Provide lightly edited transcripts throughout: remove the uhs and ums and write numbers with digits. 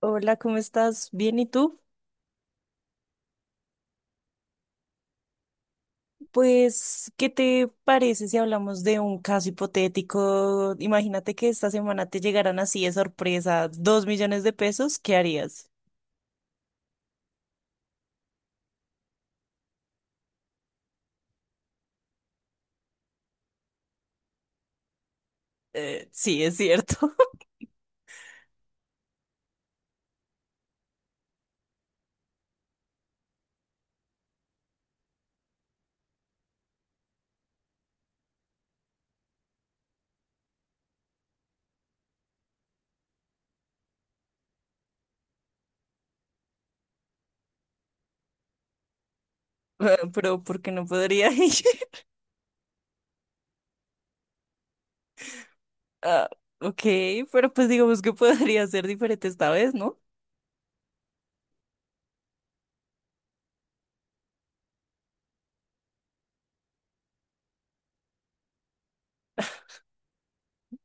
Hola, ¿cómo estás? ¿Bien y tú? Pues, ¿qué te parece si hablamos de un caso hipotético? Imagínate que esta semana te llegaran así de sorpresa 2 millones de pesos, ¿qué harías? Sí, es cierto. Ah, pero ¿por qué no podría ir? Ah, ok, pero pues digamos que podría ser diferente esta vez, ¿no?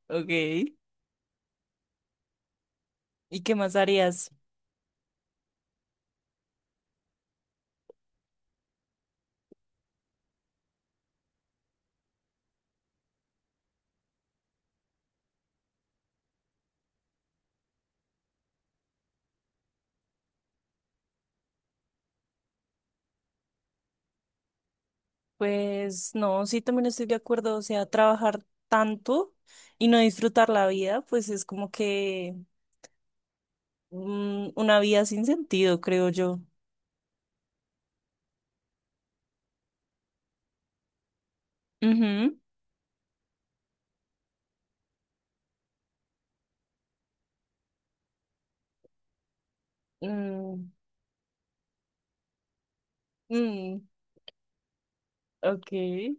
Ok, ¿y qué más harías? Pues no, sí, también estoy de acuerdo, o sea, trabajar tanto y no disfrutar la vida, pues es como que... una vida sin sentido, creo yo. Ujú. Mm, mm, ok.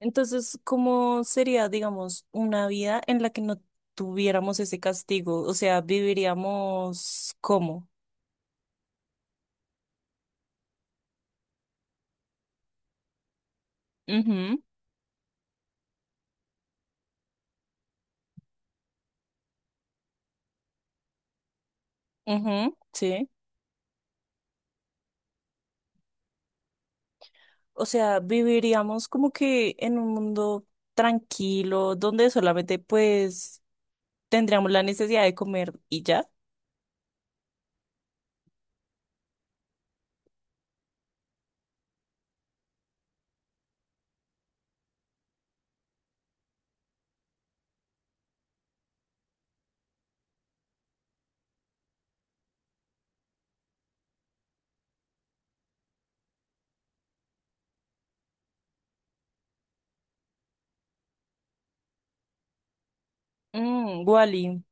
Entonces, ¿cómo sería, digamos, una vida en la que no tuviéramos ese castigo? O sea, viviríamos cómo... Ujú. Ujú, sí. O sea, viviríamos como que en un mundo tranquilo, donde solamente pues tendríamos la necesidad de comer y ya. Mm, Wally,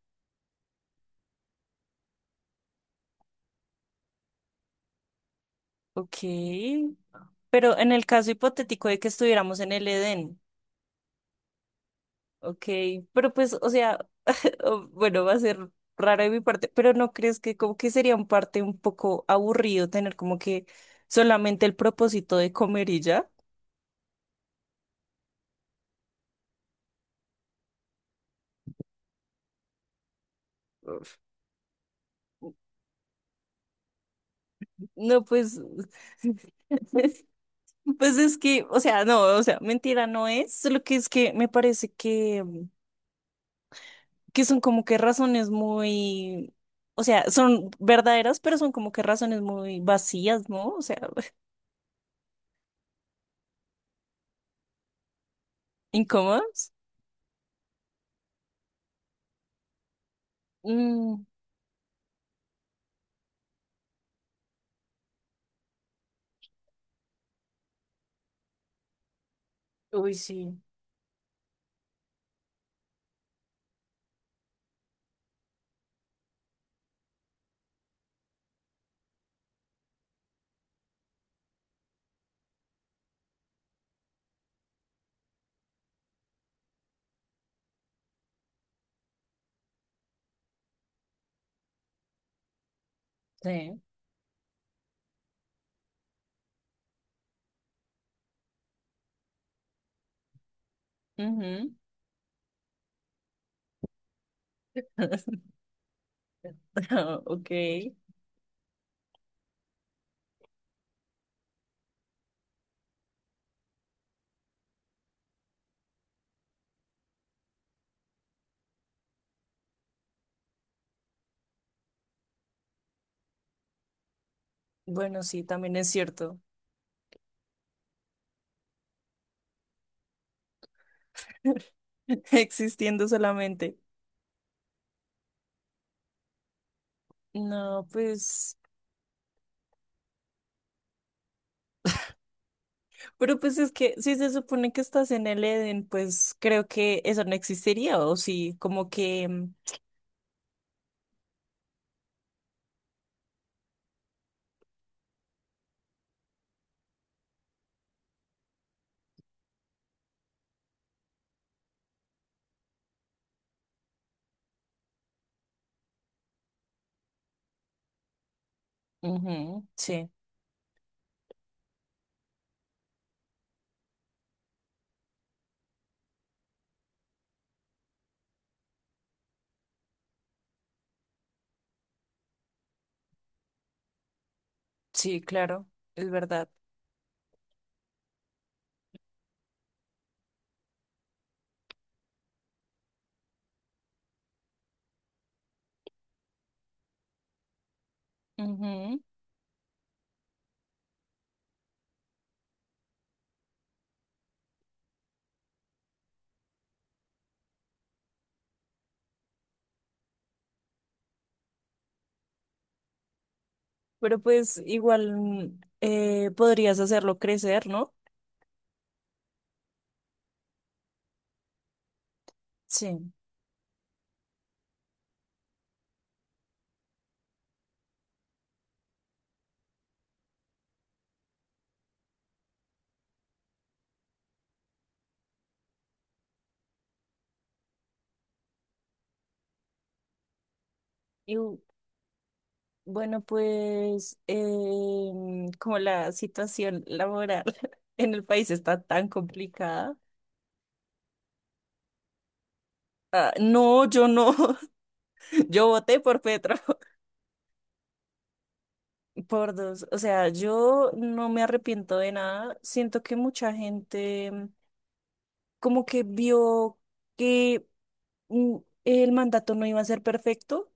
ok. Pero en el caso hipotético de que estuviéramos en el Edén. Ok, pero pues, o sea, bueno, va a ser raro de mi parte, pero ¿no crees que como que sería un parte un poco aburrido tener como que solamente el propósito de comer y ya? Uf. No, pues, pues es que, o sea, no, o sea, mentira no es, solo que es que me parece que son como que razones muy, o sea, son verdaderas, pero son como que razones muy vacías, ¿no? O sea, incómodas. Mm, uy, sí. Sí. Ujú. Ok. Bueno, sí, también es cierto. Existiendo solamente. No, pues, pero pues es que si se supone que estás en el Edén, pues creo que eso no existiría, o sí, como que... mm, ujú, sí, sí, claro, es verdad. Ujú. Pero pues igual podrías hacerlo crecer, ¿no? Sí. Bueno, pues como la situación laboral en el país está tan complicada. Ah, no, yo no. Yo voté por Petro, por dos. O sea, yo no me arrepiento de nada. Siento que mucha gente como que vio que mm, el mandato no iba a ser perfecto,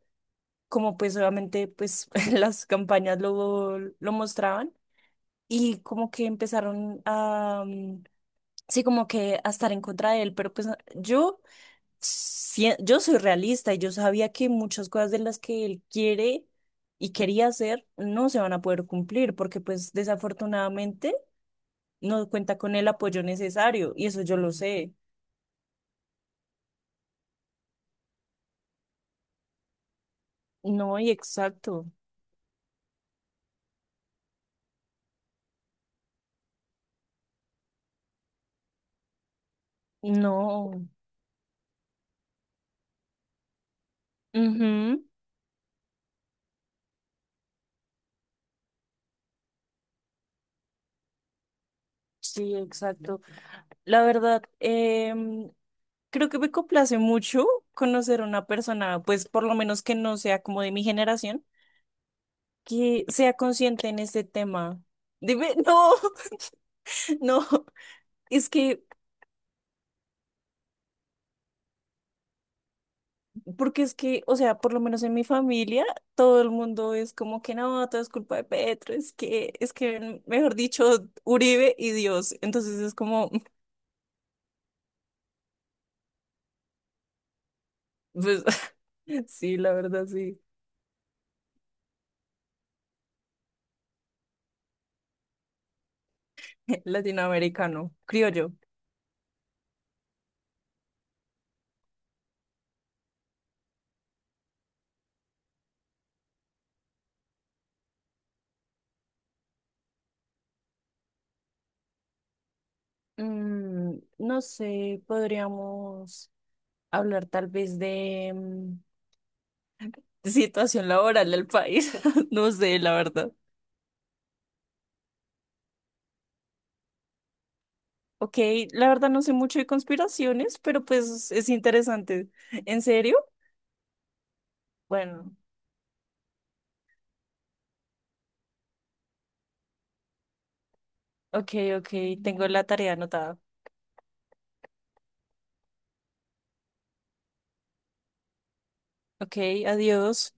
como pues obviamente pues las campañas lo mostraban y como que empezaron a... mm, sí, como que a estar en contra de él, pero pues yo, yo soy realista y yo sabía que muchas cosas de las que él quiere y quería hacer no se van a poder cumplir porque pues desafortunadamente no cuenta con el apoyo necesario y eso yo lo sé. No, y exacto, no. Ujú. Sí, exacto. La verdad, creo que me complace mucho conocer a una persona, pues por lo menos que no sea como de mi generación que sea consciente en este tema. Dime, no, no, es que, porque es que, o sea, por lo menos en mi familia, todo el mundo es como que no, todo es culpa de Petro, es que, mejor dicho, Uribe y Dios. Entonces es como, pues, sí, la verdad, sí, latinoamericano, criollo. No sé, podríamos hablar tal vez de situación laboral del país, no sé, la verdad. Ok, la verdad no sé mucho de conspiraciones, pero pues es interesante. ¿En serio? Bueno, ok, ok, tengo la tarea anotada. Ok, adiós.